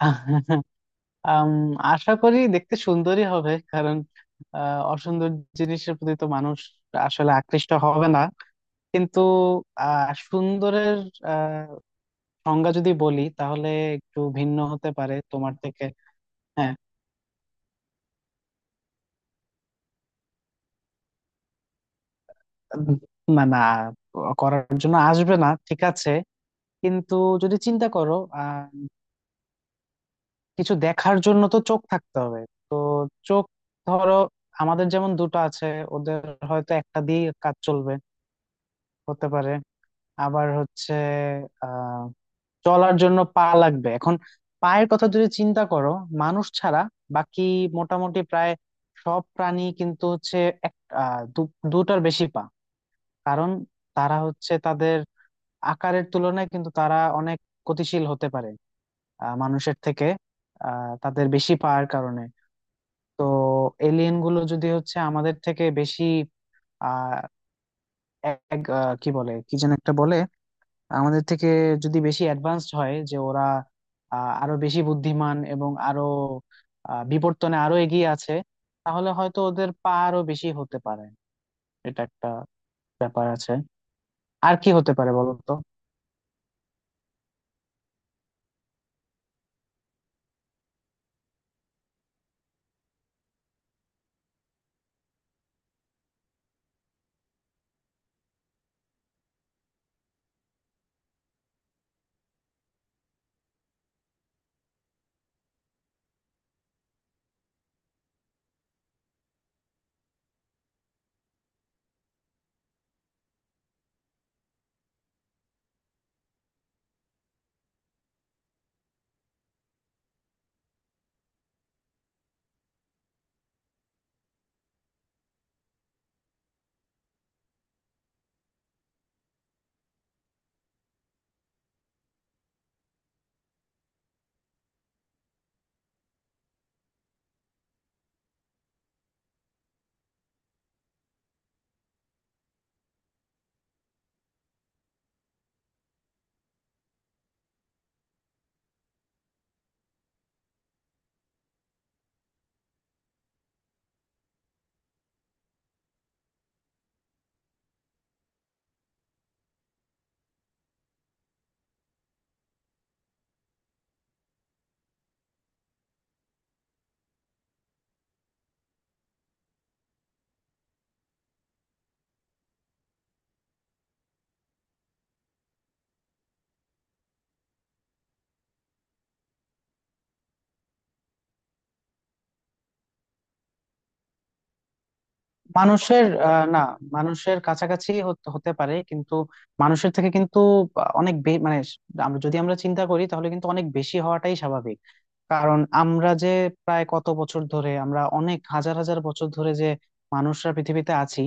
আম, আশা করি দেখতে সুন্দরই হবে, কারণ অসুন্দর জিনিসের প্রতি তো মানুষ আসলে আকৃষ্ট হবে না। কিন্তু সুন্দরের আহ, সংজ্ঞা যদি বলি তাহলে একটু ভিন্ন হতে পারে তোমার থেকে। হ্যাঁ, না, না, করার জন্য আসবে না ঠিক আছে, কিন্তু যদি চিন্তা করো আহ কিছু দেখার জন্য তো চোখ থাকতে হবে। তো চোখ, ধরো আমাদের যেমন দুটো আছে, ওদের হয়তো একটা দিয়ে কাজ চলবে, হতে পারে। আবার হচ্ছে আহ চলার জন্য পা লাগবে। এখন পায়ের কথা যদি চিন্তা করো, মানুষ ছাড়া বাকি মোটামুটি প্রায় সব প্রাণী কিন্তু হচ্ছে এক দুটার বেশি পা, কারণ তারা হচ্ছে তাদের আকারের তুলনায় কিন্তু তারা অনেক গতিশীল হতে পারে মানুষের থেকে, তাদের বেশি পাওয়ার কারণে। তো এলিয়েন গুলো যদি হচ্ছে আমাদের থেকে বেশি আহ এক, কি বলে, কি যেন একটা বলে, আমাদের থেকে যদি বেশি অ্যাডভান্সড হয়, যে ওরা আরো বেশি বুদ্ধিমান এবং আরো বিবর্তনে আরো এগিয়ে আছে, তাহলে হয়তো ওদের পা আরো বেশি হতে পারে। এটা একটা ব্যাপার আছে। আর কি হতে পারে বলো তো? মানুষের না, মানুষের কাছাকাছি হতে হতে পারে, কিন্তু মানুষের থেকে কিন্তু অনেক মানে আমরা যদি আমরা চিন্তা করি তাহলে কিন্তু অনেক বেশি হওয়াটাই স্বাভাবিক। কারণ আমরা যে প্রায় কত বছর ধরে, আমরা অনেক হাজার হাজার বছর ধরে যে মানুষরা পৃথিবীতে আছি,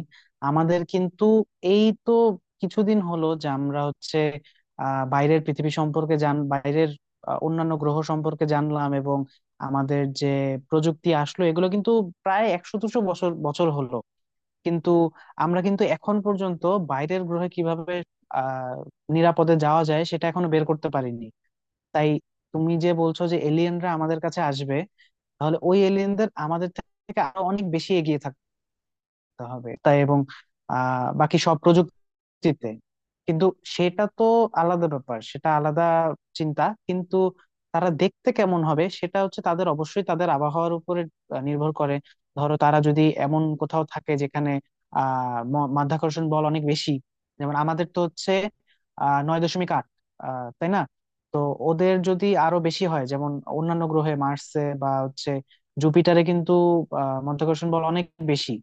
আমাদের কিন্তু এই তো কিছুদিন হলো যে আমরা হচ্ছে বাইরের পৃথিবী সম্পর্কে জান বাইরের অন্যান্য গ্রহ সম্পর্কে জানলাম, এবং আমাদের যে প্রযুক্তি আসলো এগুলো কিন্তু প্রায় 100-200 বছর বছর হলো। কিন্তু আমরা কিন্তু এখন পর্যন্ত বাইরের গ্রহে কিভাবে আহ নিরাপদে যাওয়া যায় সেটা এখনো বের করতে পারিনি। তাই তুমি যে বলছো যে এলিয়েনরা আমাদের কাছে আসবে, তাহলে ওই এলিয়েনদের আমাদের থেকে আরো অনেক বেশি এগিয়ে থাকতে হবে তাই, এবং বাকি সব প্রযুক্তি চিতে। কিন্তু সেটা তো আলাদা ব্যাপার, সেটা আলাদা চিন্তা। কিন্তু তারা দেখতে কেমন হবে সেটা হচ্ছে, তাদের অবশ্যই তাদের আবহাওয়ার উপরে নির্ভর করে। ধরো তারা যদি এমন কোথাও থাকে যেখানে মাধ্যাকর্ষণ বল অনেক বেশি। যেমন আমাদের তো হচ্ছে 9.8, তাই না? তো ওদের যদি আরো বেশি হয়, যেমন অন্যান্য গ্রহে মার্সে বা হচ্ছে জুপিটারে কিন্তু মাধ্যাকর্ষণ বল অনেক বেশি।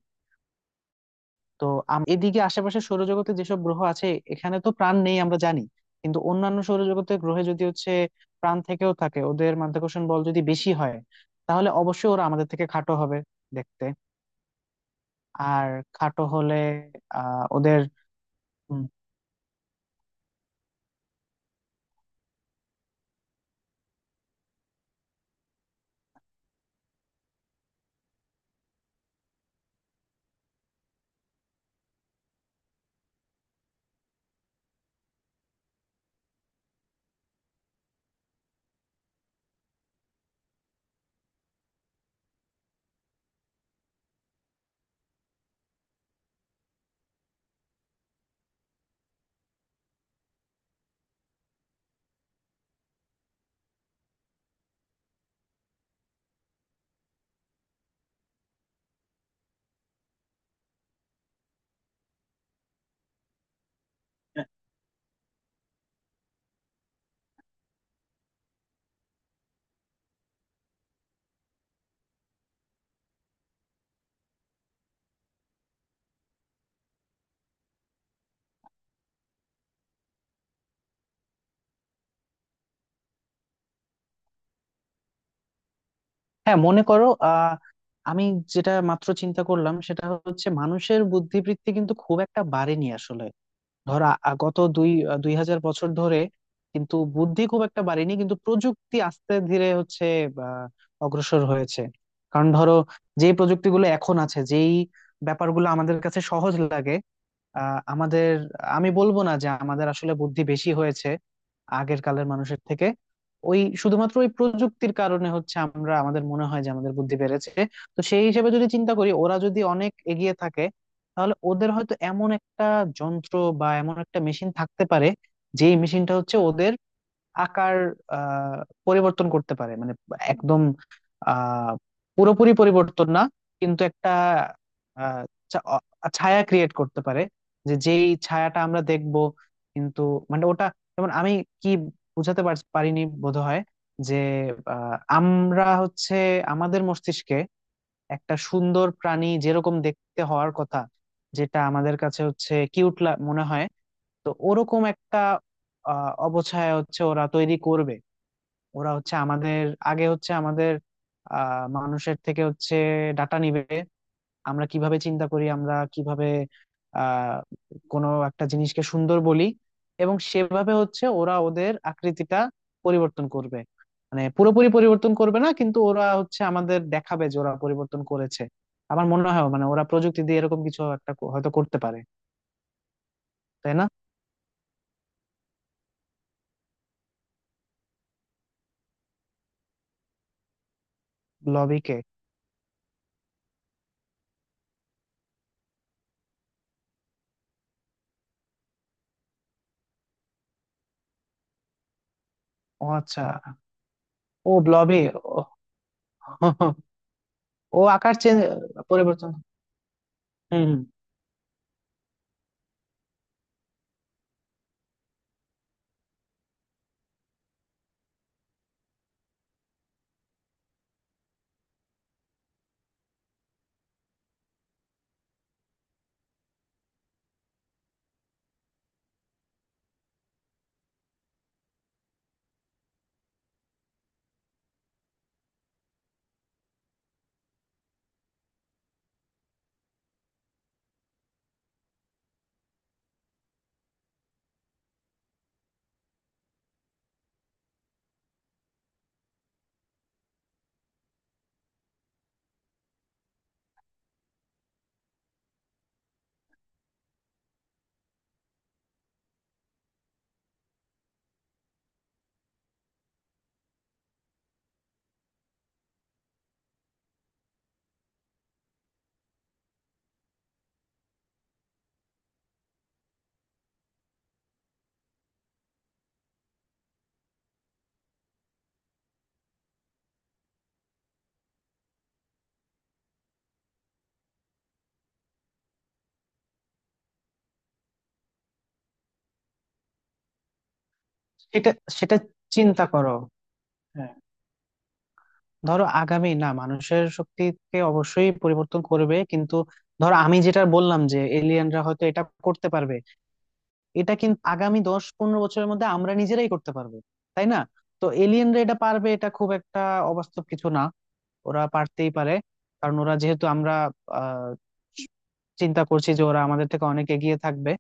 তো এদিকে আশেপাশে সৌরজগতে যেসব গ্রহ আছে, এখানে তো প্রাণ নেই আমরা জানি, কিন্তু অন্যান্য সৌরজগতের গ্রহে যদি হচ্ছে প্রাণ থেকেও থাকে, ওদের মাধ্যাকর্ষণ বল যদি বেশি হয়, তাহলে অবশ্যই ওরা আমাদের থেকে খাটো হবে দেখতে। আর খাটো হলে ওদের উম, হ্যাঁ, মনে করো আমি যেটা মাত্র চিন্তা করলাম সেটা হচ্ছে মানুষের বুদ্ধিবৃত্তি কিন্তু খুব একটা বাড়েনি আসলে। ধর গত দুই 2000 বছর ধরে কিন্তু বুদ্ধি খুব একটা বাড়েনি, কিন্তু প্রযুক্তি আস্তে ধীরে হচ্ছে আহ, অগ্রসর হয়েছে। কারণ ধরো যে প্রযুক্তিগুলো এখন আছে, যেই ব্যাপারগুলো আমাদের কাছে সহজ লাগে, আমাদের, আমি বলবো না যে আমাদের আসলে বুদ্ধি বেশি হয়েছে আগের কালের মানুষের থেকে। ওই শুধুমাত্র ওই প্রযুক্তির কারণে হচ্ছে আমরা, আমাদের মনে হয় যে আমাদের বুদ্ধি বেড়েছে। তো সেই হিসেবে যদি চিন্তা করি, ওরা যদি অনেক এগিয়ে থাকে তাহলে ওদের হয়তো এমন একটা যন্ত্র বা এমন একটা মেশিন থাকতে পারে, যেই মেশিনটা হচ্ছে ওদের আকার আহ পরিবর্তন করতে পারে। মানে একদম আহ পুরোপুরি পরিবর্তন না, কিন্তু একটা আহ ছা- অ- ছায়া ক্রিয়েট করতে পারে, যে যেই ছায়াটা আমরা দেখব। কিন্তু মানে ওটা, যেমন আমি কি বুঝাতে পারিনি বোধহয়, যে আমরা হচ্ছে আমাদের মস্তিষ্কে একটা সুন্দর প্রাণী যেরকম দেখতে হওয়ার কথা, যেটা আমাদের কাছে হচ্ছে কিউট মনে হয়, তো ওরকম একটা অবছায়া হচ্ছে ওরা তৈরি করবে। ওরা হচ্ছে আমাদের আগে, হচ্ছে আমাদের মানুষের থেকে হচ্ছে ডাটা নিবে, আমরা কিভাবে চিন্তা করি, আমরা কিভাবে আহ কোনো একটা জিনিসকে সুন্দর বলি, এবং সেভাবে হচ্ছে ওরা ওদের আকৃতিটা পরিবর্তন করবে। মানে পুরোপুরি পরিবর্তন করবে না, কিন্তু ওরা হচ্ছে আমাদের দেখাবে যে ওরা পরিবর্তন করেছে। আমার মনে হয় মানে ওরা প্রযুক্তি দিয়ে এরকম কিছু একটা হয়তো করতে পারে, তাই না? লবিকে। ও আচ্ছা। ও ব্লবে। ও। ও আকার চেন পরিবর্তন। হুম, হুম। সেটা সেটা চিন্তা করো। হ্যাঁ, ধরো আগামী, না, মানুষের শক্তিকে অবশ্যই পরিবর্তন করবে, কিন্তু ধরো আমি যেটা বললাম যে এলিয়েনরা হয়তো এটা করতে পারবে, এটা কিন্তু আগামী 10-15 বছরের মধ্যে আমরা নিজেরাই করতে পারবো, তাই না? তো এলিয়েনরা এটা পারবে, এটা খুব একটা অবাস্তব কিছু না। ওরা পারতেই পারে, কারণ ওরা যেহেতু, আমরা আহ চিন্তা করছি যে ওরা আমাদের থেকে অনেক এগিয়ে থাকবে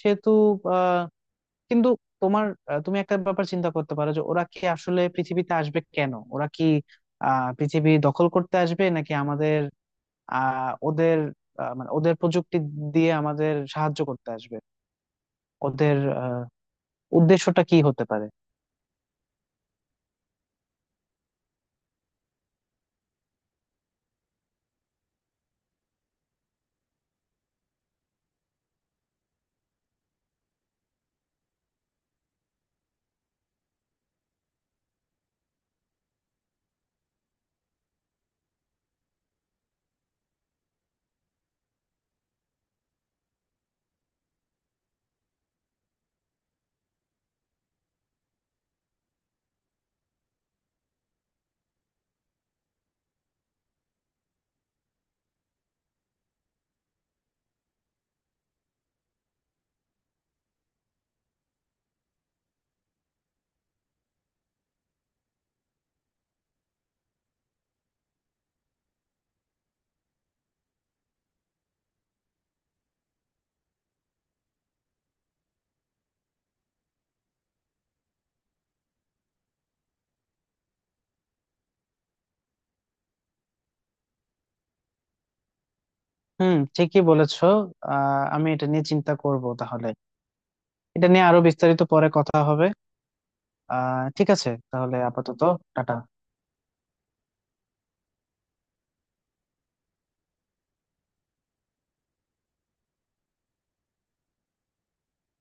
সেহেতু। কিন্তু তুমি একটা ব্যাপার চিন্তা করতে পারো, যে ওরা কি আসলে পৃথিবীতে আসবে কেন? ওরা কি পৃথিবী দখল করতে আসবে, নাকি আমাদের ওদের, মানে ওদের প্রযুক্তি দিয়ে আমাদের সাহায্য করতে আসবে? ওদের আহ উদ্দেশ্যটা কি হতে পারে? হুম, ঠিকই বলেছো। আমি এটা নিয়ে চিন্তা করব তাহলে, এটা নিয়ে আরো বিস্তারিত পরে কথা হবে। ঠিক আছে তাহলে, আপাতত টাটা।